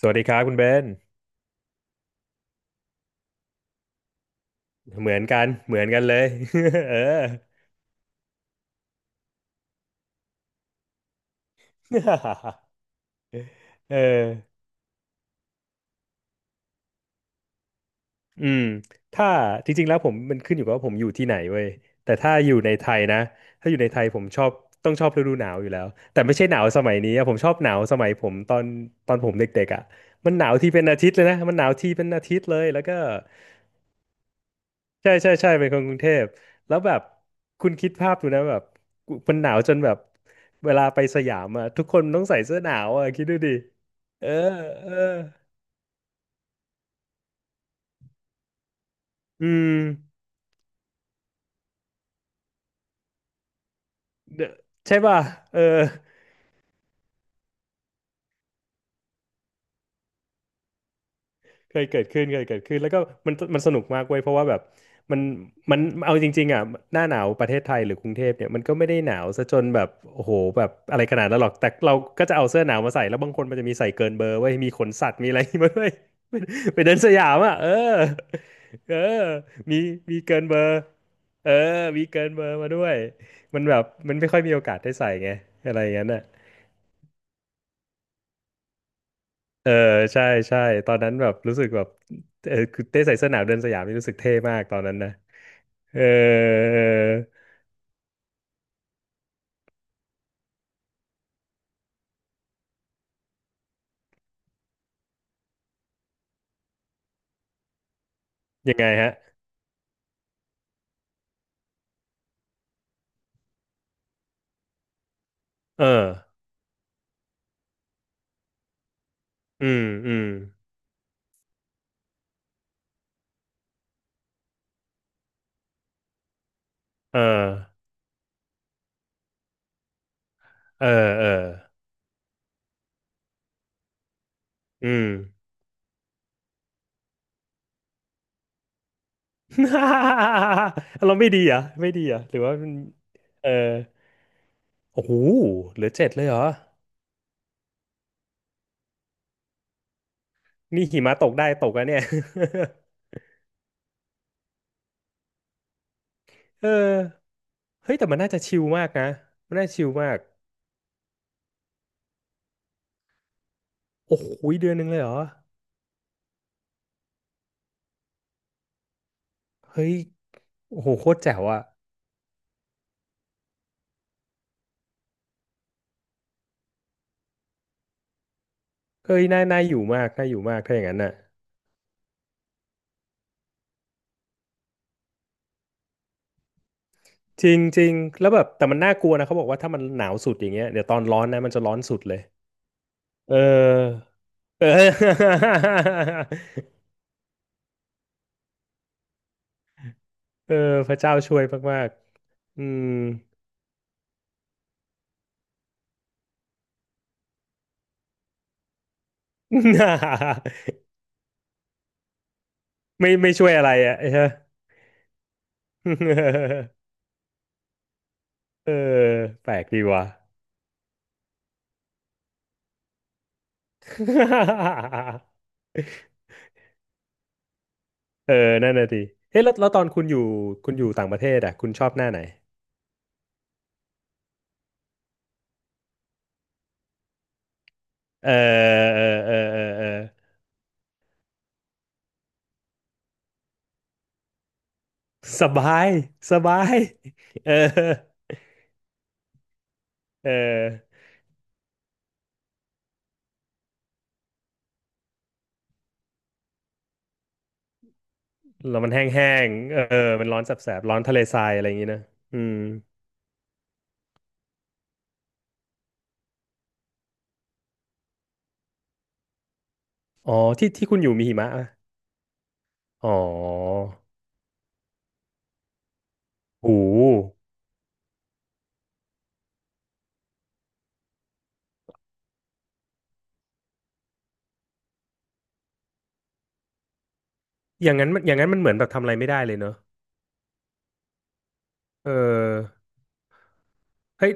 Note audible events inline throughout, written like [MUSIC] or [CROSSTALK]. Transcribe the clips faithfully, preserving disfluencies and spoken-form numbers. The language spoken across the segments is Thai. สวัสดีครับคุณเบนเหมือนกันเหมือนกันเลย [LAUGHS] เออ [LAUGHS] เอออืมถ้าจริงๆแล้วผมมันขึ้นอยู่กับว่าผมอยู่ที่ไหนเว้ยแต่ถ้าอยู่ในไทยนะถ้าอยู่ในไทยผมชอบต้องชอบฤดูหนาวอยู่แล้วแต่ไม่ใช่หนาวสมัยนี้อะผมชอบหนาวสมัยผมตอนตอนผมเด็กๆอ่ะมันหนาวที่เป็นอาทิตย์เลยนะมันหนาวที่เป็นอาทิตย์เลยแล้วก็ ใช่ใช่ใช่เป็นคนกรุงเทพแล้วแบบคุณคิดภาพดูนะแบบมันหนาวจนแบบเวลาไปสยามอ่ะทุกคนต้องใส่เสื้อหนาวอ่ะคิดดูดิเออเอออืมเดอะใช่ป่ะเออ เคยเกิดขึ้นเคยเกิดขึ้นแล้วก็มันมันสนุกมากเว้ยเพราะว่าแบบมันมันเอาจริงๆอ่ะหน้าหนาวประเทศไทยหรือกรุงเทพเนี่ยมันก็ไม่ได้หนาวซะจนแบบโอ้โหแบบอะไรขนาดนั้นหรอกแต่เราก็จะเอาเสื้อหนาวมาใส่แล้วบางคนมันจะมีใส่เกินเบอร์เว้ยมีขนสัตว์มีอะไรมาด้วย [LAUGHS] ไปไปเดินสยามอ่ะเออเออมีมีเกินเบอร์เออมีเกินเบอร์มาด้วยมันแบบมันไม่ค่อยมีโอกาสได้ใส่ไงอะไรอย่างนั้นอ่ะ เออใช่ใช่ตอนนั้นแบบรู้สึกแบบเออคือเต้ใส่เสื้อหนาวเดินสยามนี่รู้สึกเท่มากตอนนั้นนะเออยังไงฮะเอออืมอืมเออเออเอออืม [LAUGHS] เราไม่ดีเหรอ่ะไม่ดีเหรอ่ะหรือว่ามันเออโอ้โหเหลือเจ็ดเลยเหรอนี่หิมะตกได้ตกอะเนี่ย [LAUGHS] เออเฮ้ยแต่มันน่าจะชิลมากนะมันน่าจะชิลมากโอ้โหเดือนหนึ่งเลยเหรอเฮ้ยโอ้โหโคตรแจ๋วอะ เฮ้ยน่าน่าอยู่มากน่าอยู่มากถ้าอย่างนั้นน่ะจริงจริงแล้วแบบแต่มันน่ากลัวนะเขาบอกว่าถ้ามันหนาวสุดอย่างเงี้ยเดี๋ยวตอนร้อนนะมันจะร้อนสุดเลยเออเออ [LAUGHS] เออพระเจ้าช่วยมากๆอืม [LAUGHS] ไม่ไม่ช่วยอะไรอ่ะเอ [LAUGHS] เออแปลกดีว่ะ [LAUGHS] เออนั่นน่ะดิเฮ้ยแล้วแล้วตอนคุณอยู่คุณอยู่ต่างประเทศอ่ะคุณชอบหน้าไหนเออเออเออเออเออ สบายสบายเออเออแล้วมันแห้งๆเออมันร้อนแสบๆร้อนทะเลทรายอะไรอย่างงี้นะอืมอ๋อที่ที่คุณอยู่มีหิมะอะอ๋อโหูอย่างนั้นมันอย่างนั้นมันเหมือนแบบทำอะไรไม่ได้เลยเนอะเออเฮ้ย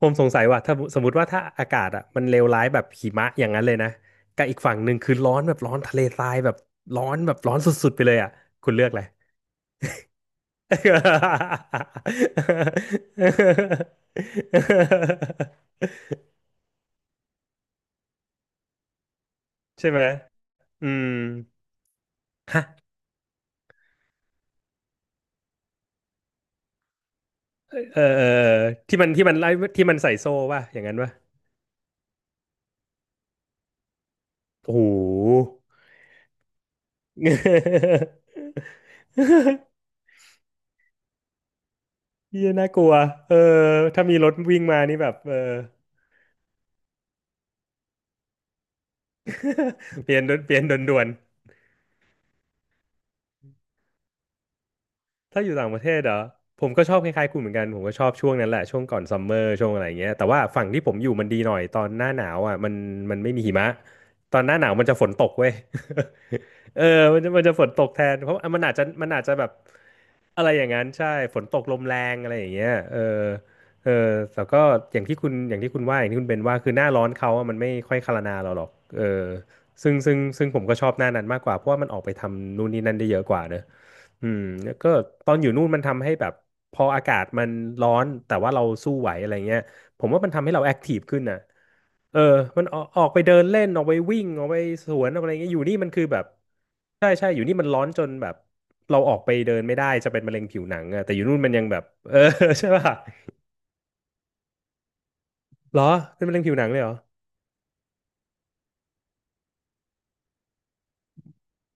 ผมสงสัยว่าถ้าสมมติว่าถ้าอากาศอ่ะมันเลวร้ายแบบหิมะอย่างนั้นเลยนะกับอีกฝั่งหนึ่งคือร้อนแบบร้อนทะเลทรายแบบร้อนแบบร้อนสุดๆไปเลยอ่ะคุณเลือกอะไร [LAUGHS] ใช่ไหม อืม ฮะเออเออเออที่มัน ที่มันไล่ที่มันใส่โซ่ป่ะอย่างนั้นป่ะโอ้โห [LAUGHS] เฮียน่ากลัวเออถ้ามีรถวิ่งมานี่แบบเออ [LAUGHS] เปลี่ยนด่วนเปลี่ยนด่วน ถ้าอยู่ต่างประเทศเหรอผมก็ชอบคล้ายๆคุณเหมือนกันผมก็ชอบช่วงนั้นแหละช่วงก่อนซัมเมอร์ช่วงอะไรอย่างเงี้ยแต่ว่าฝั่งที่ผมอยู่มันดีหน่อยตอนหน้าหนาวอ่ะมันมันไม่มีหิมะตอนหน้าหนาวมันจะฝนตกเว้ย เออมันจะมันจะฝนตกแทนเพราะมันอาจจะมันอาจจะแบบอะไรอย่างนั้นใช่ฝนตกลมแรงอะไรอย่างเงี้ยเออเออแต่ก็อย่างที่คุณอย่างที่คุณว่าอย่างที่คุณเป็นว่าคือหน้าร้อนเขาอะมันไม่ค่อยคารนาเราหรอกเออซึ่งซึ่งซึ่งผมก็ชอบหน้านั้นมากกว่าเพราะว่ามันออกไปทำนู่นนี่นั่นได้เยอะกว่าเนอะอืมแล้วก็ตอนอยู่นู่นมันทำให้แบบพออากาศมันร้อนแต่ว่าเราสู้ไหวอะไรเงี้ยผมว่ามันทำให้เราแอคทีฟขึ้นนะ เออมันออกออกไปเดินเล่น ออกไปวิ่งออกไปสวนออกอะไรเงี้ยอยู่นี่มันคือแบบใช่ใช่อยู่นี่มันร้อนจนแบบเราออกไปเดินไม่ได้จะเป็นมะเร็งผิวหนังอะแต่อยู่นู่นมันยังแบบเออ [LAUGHS] ใช่ป่ะเหรอเป็นมะเร็งผิวหนังเลยเหรอ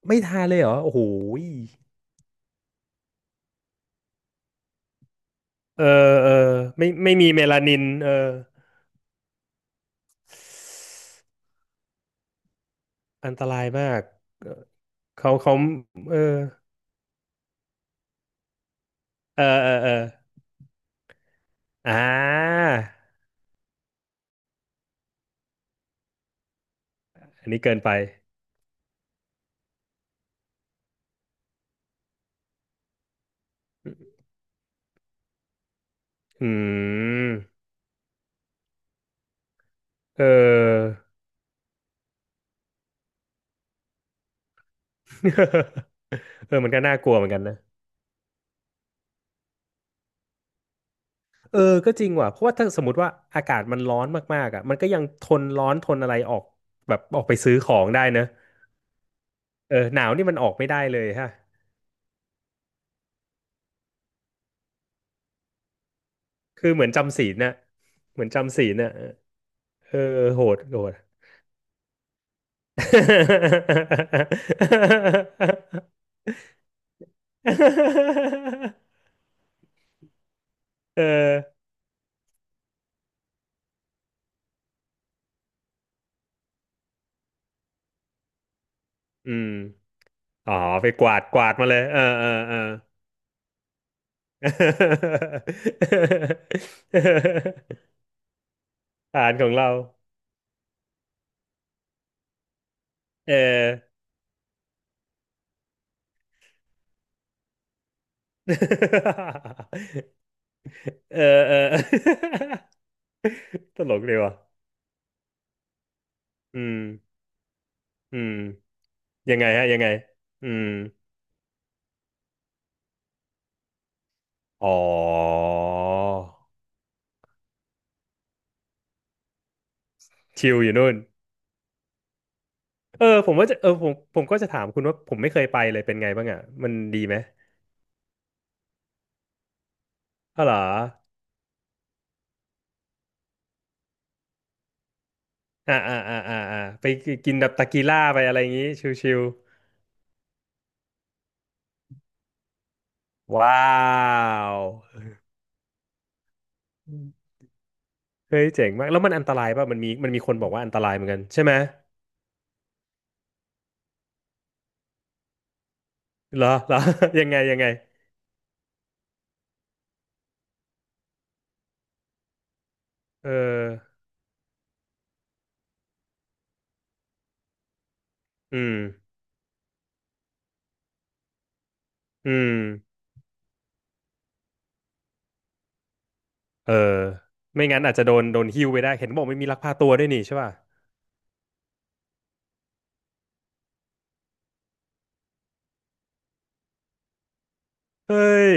ไม่ทานเลยเหรอโอ้โหยเออเออไม่ไม่มีเมลานินเอออันตรายมากเออเขาเขาเออเออเออเอออ่าอันนี้เกินไปอืมเออ [LAUGHS] เออมันก็น่ากลัวเหมือนกันนะ เออก็จริงว่ะเพราะว่าถ้าสมมติว่าอากาศมันร้อนมากๆอ่ะมันก็ยังทนร้อนทนอะไรออกแบบออกไปซื้อของได้เนอะเออหนาวนี่มันออกไม่ได้เลยฮะคือเหมือนจำศีลน่ะเหมือนจำศีลน่ะเออโหดโหด [LAUGHS] เอออืมอ๋อ ไปกวาดกวาดมาเลยเออเออเออ [LAUGHS] ฐานของเราเออ [LAUGHS] เออเออ [LAUGHS] ตลกดีว่ะอืมอืมยังไงฮะยังไงอืมอ๋อชิลอยู่นู่นเออผมว่าจะเออผมผมก็จะถามคุณว่าผมไม่เคยไปเลยเป็นไงบ้างอ่ะมันดีไหมอ๋อเหรออ่าอ่าอ่าอ่าอ่าไปกินแบบตากีล่าไปอะไรอย่างงี้ชิลๆว้าวเฮ้ยเจ๋งมากแล้วมันอันตรายป่ะมันมีมันมีคนบอกว่าอันตรายเหมือนกันใช่ไหมเหรอเหรอ [LAUGHS] ยังไงยังไงเอออืม อืม เออ ไม่งั้นอาจจะโดนโดนหิ้วไปได้ เห็นบอกไม่มีลักพาตัวด้วยนี่ใช่ป่ะเฮ้ย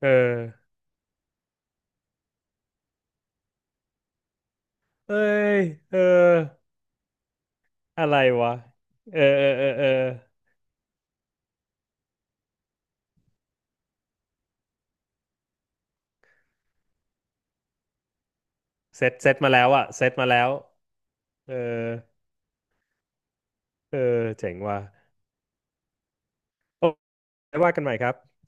เออเอ้ยเออ อะไรวะ เออ เออ เออ เออเซตเซตมาแล้วอะเซตมาแล้ว เออ เออเจ๋งว่ะโอ้ไว้ว่ากันใหม่ครับครับ